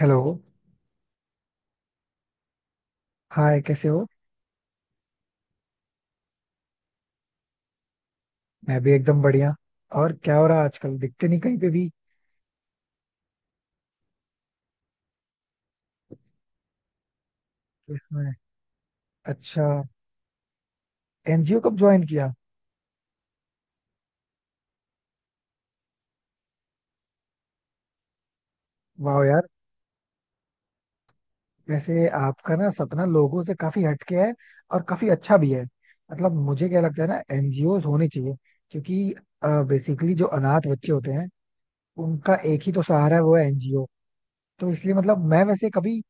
Hello. Hi, कैसे हो? मैं भी एकदम बढ़िया. और क्या हो रहा है आजकल, दिखते नहीं कहीं पे भी? इसमें? अच्छा. एनजीओ कब ज्वाइन किया? वाह यार. वैसे आपका ना सपना लोगों से काफी हटके है, और काफी अच्छा भी है. मतलब मुझे क्या लगता है ना, एनजीओ होने चाहिए. क्योंकि बेसिकली जो अनाथ बच्चे होते हैं, उनका एक ही तो सहारा है, वो है एनजीओ. तो इसलिए मतलब मैं वैसे कभी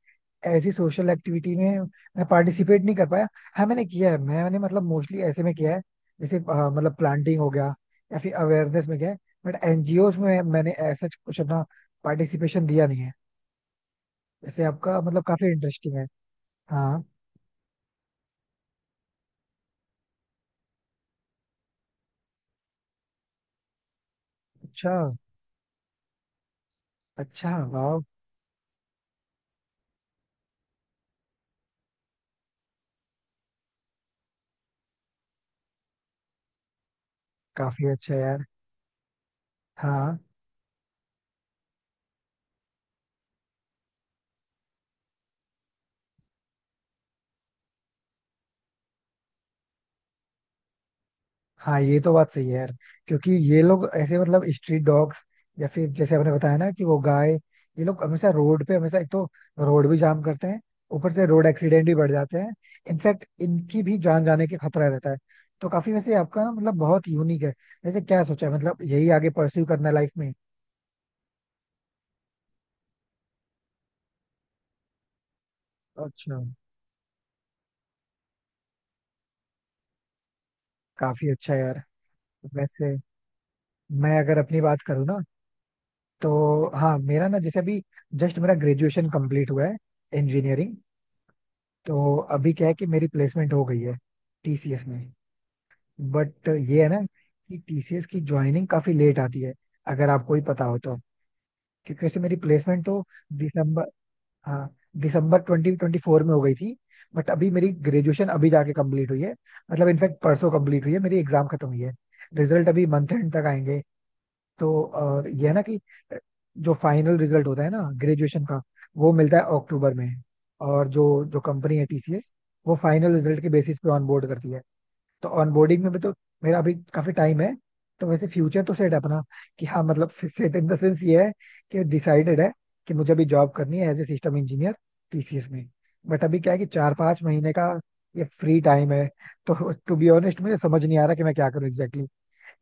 ऐसी सोशल एक्टिविटी में मैं पार्टिसिपेट नहीं कर पाया. हाँ, मैंने किया है. मैंने मतलब मोस्टली ऐसे में किया है जैसे मतलब प्लांटिंग हो गया, या फिर अवेयरनेस में गया. बट एनजीओ में मैंने ऐसा कुछ अपना पार्टिसिपेशन दिया नहीं है. जैसे आपका मतलब काफी इंटरेस्टिंग है. हाँ. अच्छा. अच्छा, वाह. काफी अच्छा यार. हाँ हाँ, ये तो बात सही है यार. क्योंकि ये लोग, ऐसे मतलब स्ट्रीट डॉग्स या फिर जैसे आपने बताया ना कि वो गाय, ये लोग हमेशा रोड पे, हमेशा, एक तो रोड भी जाम करते हैं, ऊपर से रोड एक्सीडेंट भी बढ़ जाते हैं. इनफैक्ट इनकी भी जान जाने के खतरा रहता है. तो काफी, वैसे आपका ना मतलब बहुत यूनिक है. वैसे क्या सोचा है, मतलब यही आगे परस्यू करना लाइफ में? अच्छा. काफी अच्छा यार. वैसे मैं अगर अपनी बात करूँ ना, तो हाँ मेरा ना, जैसे अभी जस्ट मेरा ग्रेजुएशन कंप्लीट हुआ है, इंजीनियरिंग. तो अभी क्या है कि मेरी प्लेसमेंट हो गई है टीसीएस में. बट ये है ना, कि टीसीएस की ज्वाइनिंग काफी लेट आती है, अगर आपको ही पता हो तो. क्योंकि वैसे मेरी प्लेसमेंट तो दिसंबर, हाँ, दिसंबर 2024 में हो गई थी. बट अभी मेरी ग्रेजुएशन अभी जाके कंप्लीट हुई है. मतलब इनफैक्ट परसों कंप्लीट हुई है, मेरी एग्जाम खत्म हुई है. रिजल्ट अभी मंथ एंड तक आएंगे. तो और ये है ना कि जो फाइनल रिजल्ट होता है ना ग्रेजुएशन का, वो मिलता है अक्टूबर में. और जो जो कंपनी है टीसीएस, वो फाइनल रिजल्ट के बेसिस पे ऑनबोर्ड करती है. तो ऑनबोर्डिंग में भी तो मेरा अभी काफी टाइम है. तो वैसे फ्यूचर तो सेट है अपना. कि हाँ, मतलब सेट इन द सेंस ये है कि डिसाइडेड है कि मुझे अभी जॉब करनी है as a system engineer TCS में. बट अभी क्या है कि 4-5 महीने का ये फ्री टाइम है. तो टू बी ऑनेस्ट, मुझे समझ नहीं आ रहा कि मैं क्या करूँ एग्जैक्टली.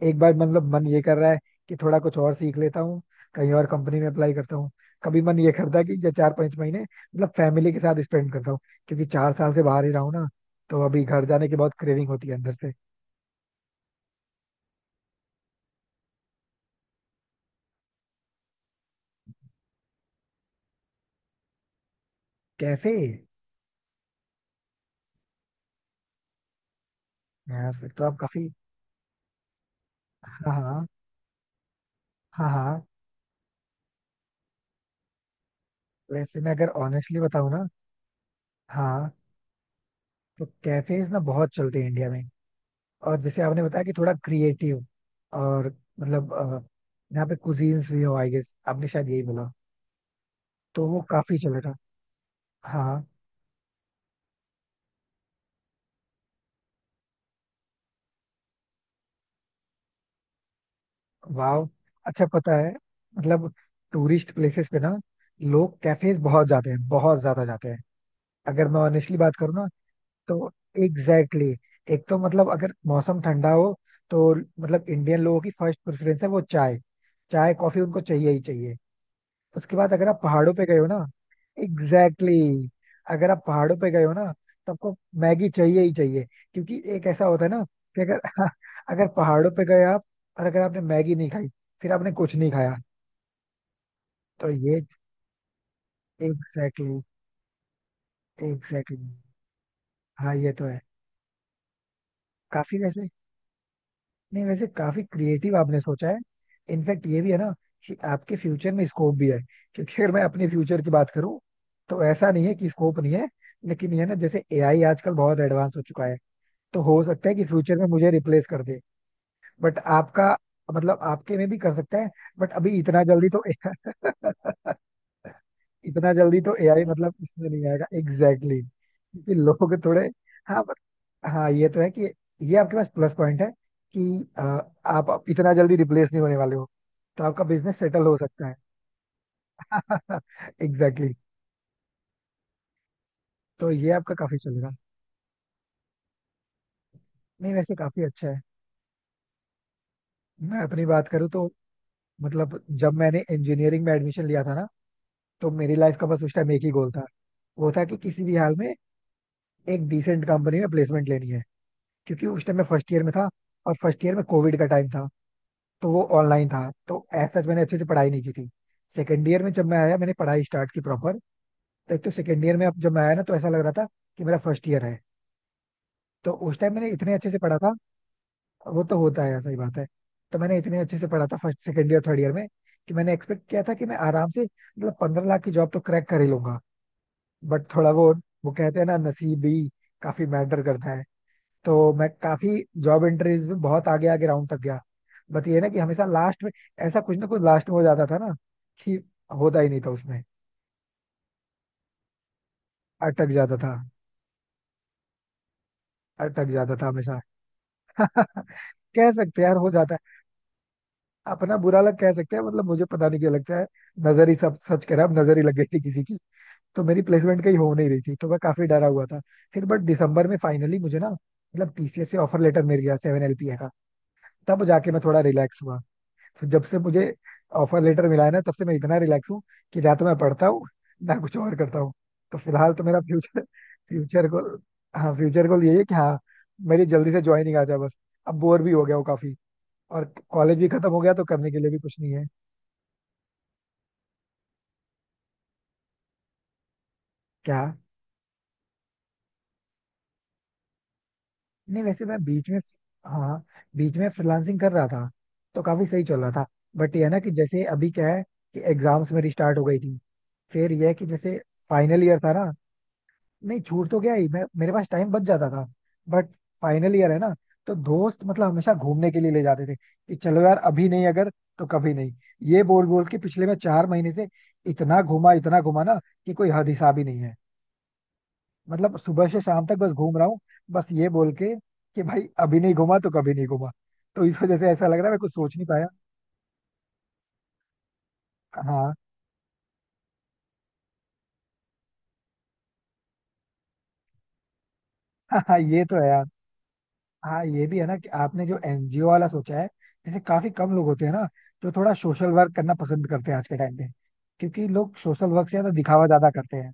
एक बार मतलब मन ये कर रहा है कि थोड़ा कुछ और सीख लेता हूँ, कहीं और कंपनी में अप्लाई करता हूँ. कभी मन ये करता है कि ये 4-5 महीने मतलब फैमिली के साथ स्पेंड करता हूँ, क्योंकि 4 साल से बाहर ही रहा हूँ ना. तो अभी घर जाने की बहुत क्रेविंग होती है अंदर से. कैफे? यार फिर तो आप काफी. हाँ हाँ. हाँ हाँ. वैसे मैं अगर ऑनेस्टली बताऊँ ना, हाँ, तो कैफेज ना बहुत चलते हैं इंडिया में. और जैसे आपने बताया कि थोड़ा क्रिएटिव और मतलब यहाँ पे कुजीन्स भी हो, आई गेस आपने शायद यही बोला. तो वो काफी चलेगा. हाँ. वाह. अच्छा पता है, मतलब टूरिस्ट प्लेसेस पे ना, लोग कैफेज बहुत जाते हैं, बहुत ज्यादा जाते हैं. अगर मैं ऑनेस्टली बात करूँ ना, तो एग्जैक्टली exactly, एक तो मतलब अगर मौसम ठंडा हो, तो मतलब इंडियन लोगों की फर्स्ट प्रेफरेंस है वो चाय. चाय कॉफी उनको चाहिए ही चाहिए. उसके बाद अगर आप पहाड़ों पे गए हो ना, एग्जैक्टली exactly, अगर आप पहाड़ों पे गए हो ना, तो आपको मैगी चाहिए ही चाहिए. क्योंकि एक ऐसा होता है ना कि अगर अगर पहाड़ों पे गए आप और अगर आपने मैगी नहीं खाई, फिर आपने कुछ नहीं खाया. तो ये एग्जैक्टली exactly, एग्जैक्टली exactly, हाँ ये तो है. काफी वैसे, नहीं, वैसे काफी क्रिएटिव आपने सोचा है. इनफैक्ट ये भी है ना कि आपके फ्यूचर में स्कोप भी है. क्योंकि अगर मैं अपने फ्यूचर की बात करूं, तो ऐसा नहीं है कि स्कोप नहीं है. लेकिन ये ना, जैसे एआई आजकल बहुत एडवांस हो चुका है. तो हो सकता है कि फ्यूचर में मुझे रिप्लेस कर दे. बट आपका, मतलब आपके में भी कर सकता है. बट अभी इतना जल्दी तो इतना जल्दी तो एआई मतलब इसमें नहीं आएगा एग्जैक्टली exactly. क्योंकि लोग थोड़े, हाँ but, हाँ, ये तो है कि ये आपके पास प्लस पॉइंट है कि आप इतना जल्दी रिप्लेस नहीं होने वाले हो. तो आपका बिजनेस सेटल हो सकता है. Exactly exactly. तो ये आपका काफी चलेगा. नहीं, वैसे काफी अच्छा है. मैं अपनी बात करूँ तो मतलब, जब मैंने इंजीनियरिंग में एडमिशन लिया था ना, तो मेरी लाइफ का बस उस टाइम एक ही गोल था. वो था कि किसी भी हाल में एक डिसेंट कंपनी में प्लेसमेंट लेनी है. क्योंकि उस टाइम मैं फर्स्ट ईयर में था. और फर्स्ट ईयर में कोविड का टाइम था, तो वो ऑनलाइन था, तो ऐसा मैंने अच्छे से पढ़ाई नहीं की थी. सेकेंड ईयर में जब मैं आया, मैंने पढ़ाई स्टार्ट की प्रॉपर. तो एक तो सेकेंड ईयर में अब जब मैं आया ना, तो ऐसा लग रहा था कि मेरा फर्स्ट ईयर है. तो उस टाइम मैंने इतने अच्छे से पढ़ा था. वो तो होता है, सही बात है. तो मैंने इतने अच्छे से पढ़ा था first second year third year में, कि मैंने एक्सपेक्ट किया था कि मैं आराम से मतलब 15 लाख की जॉब तो क्रैक कर ही लूंगा. बट थोड़ा वो कहते हैं ना, नसीब भी काफी मैटर करता है. तो मैं काफी जॉब इंटरव्यूज में बहुत आगे आगे राउंड तक गया. बट ये ना, कि हमेशा लास्ट में ऐसा कुछ ना कुछ लास्ट में हो जाता था ना, कि होता ही नहीं था उसमें, अटक जाता था. अटक जाता था हमेशा. कह सकते हैं यार, हो जाता है. अपना बुरा लग कह सकते हैं, मतलब मुझे पता नहीं क्यों लगता है. नजर ही, सब सच कह रहा है, अब नजर ही लग गई थी किसी की. तो मेरी प्लेसमेंट कहीं हो नहीं रही थी, तो मैं काफी डरा हुआ था. फिर बट दिसंबर में फाइनली मुझे ना, मतलब टीसीएस से ऑफर लेटर मिल गया 7 LPA का. तब जाके मैं थोड़ा रिलैक्स हुआ. तो जब से मुझे ऑफर लेटर मिला है ना, तब से मैं इतना रिलैक्स हूँ कि ना तो मैं पढ़ता हूँ, ना कुछ और करता हूँ. तो फिलहाल तो मेरा फ्यूचर, फ्यूचर गोल, हाँ, फ्यूचर गोल यही है कि हाँ, मेरी जल्दी से ज्वाइनिंग आ जाए बस. अब बोर भी हो गया हूँ काफी. और कॉलेज भी खत्म हो गया, तो करने के लिए भी कुछ नहीं है. क्या? नहीं, वैसे मैं बीच में, हाँ, बीच में फ्रीलांसिंग कर रहा था, तो काफी सही चल रहा था. बट ये है ना कि जैसे अभी क्या है, कि एग्जाम्स मेरी स्टार्ट हो गई थी, फिर यह है कि जैसे फाइनल ईयर था ना. नहीं छूट तो गया ही, मैं मेरे पास टाइम बच जाता था. बट फाइनल ईयर है ना, तो दोस्त मतलब हमेशा घूमने के लिए ले जाते थे कि चलो यार, अभी नहीं अगर, तो कभी नहीं. ये बोल बोल के पिछले मैं 4 महीने से इतना घूमा, इतना घूमा ना, कि कोई हद हिसाब ही नहीं है. मतलब सुबह से शाम तक बस घूम रहा हूँ, बस ये बोल के कि भाई, अभी नहीं घूमा तो कभी नहीं घूमा. तो इस वजह से ऐसा लग रहा है, मैं कुछ सोच नहीं पाया. हाँ. हाँ, ये तो है यार. हाँ, ये भी है ना कि आपने जो एनजीओ वाला सोचा है, ऐसे काफी कम लोग होते हैं ना जो थोड़ा सोशल वर्क करना पसंद करते हैं आज के टाइम पे. क्योंकि लोग सोशल वर्क से ज्यादा दिखावा ज्यादा करते हैं.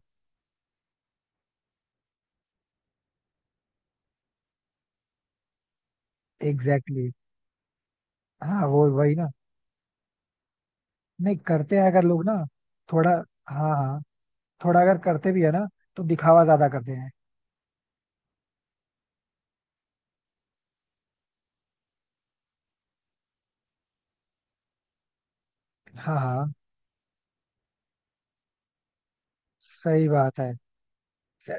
Exactly exactly. हाँ, वो वही ना, नहीं करते हैं अगर लोग ना, थोड़ा, हाँ हाँ, थोड़ा अगर करते भी है ना, तो दिखावा ज्यादा करते हैं. हाँ हाँ, सही बात है.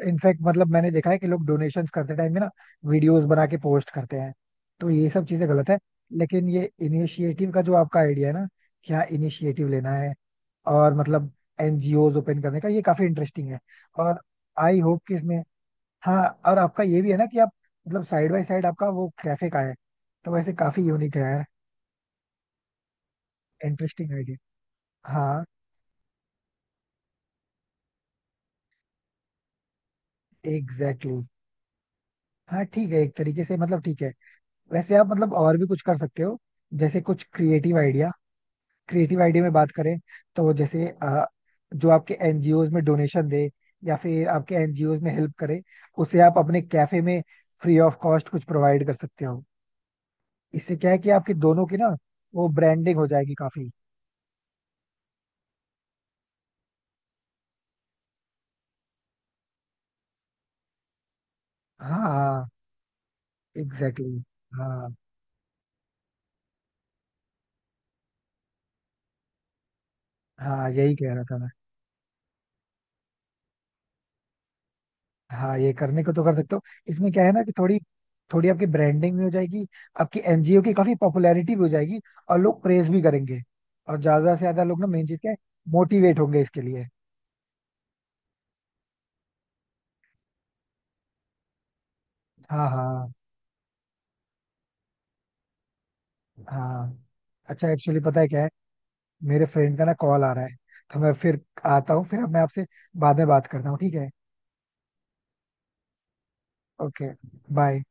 इनफैक्ट मतलब मैंने देखा है कि लोग डोनेशंस करते टाइम में ना, वीडियोस बना के पोस्ट करते हैं. तो ये सब चीजें गलत है. लेकिन ये इनिशिएटिव का जो आपका आइडिया है ना, कि हाँ, इनिशिएटिव लेना है और मतलब एनजीओज ओपन करने का, ये काफी इंटरेस्टिंग है. और आई होप कि इसमें, हाँ, और आपका ये भी है ना कि आप मतलब साइड बाय साइड आपका वो कैफे का है. तो वैसे काफी यूनिक है यार, इंटरेस्टिंग आइडिया. हाँ. Exactly exactly. हाँ ठीक है, एक तरीके से मतलब ठीक है. वैसे आप मतलब और भी कुछ कर सकते हो, जैसे कुछ क्रिएटिव आइडिया. क्रिएटिव आइडिया में बात करें, तो जैसे जो आपके एनजीओज में डोनेशन दे या फिर आपके एनजीओज में हेल्प करे, उसे आप अपने कैफे में फ्री ऑफ कॉस्ट कुछ प्रोवाइड कर सकते हो. इससे क्या है कि आपकी दोनों की ना, वो ब्रांडिंग हो जाएगी काफी. हाँ हाँ, एग्जैक्टली exactly. हाँ हाँ, यही कह रहा था मैं. हाँ, ये करने को तो कर सकते हो. इसमें क्या है ना कि थोड़ी थोड़ी आपकी ब्रांडिंग भी हो जाएगी, आपकी एनजीओ की काफी पॉपुलैरिटी भी हो जाएगी, और लोग प्रेज भी करेंगे, और ज्यादा से ज्यादा लोग ना, मेन चीज क्या है, मोटिवेट होंगे इसके लिए. हाँ, हाँ, हाँ. अच्छा एक्चुअली पता है क्या है, मेरे फ्रेंड का ना कॉल आ रहा है, तो मैं फिर आता हूँ. फिर अब मैं आपसे बाद में बात करता हूँ, ठीक है? ओके. बाय.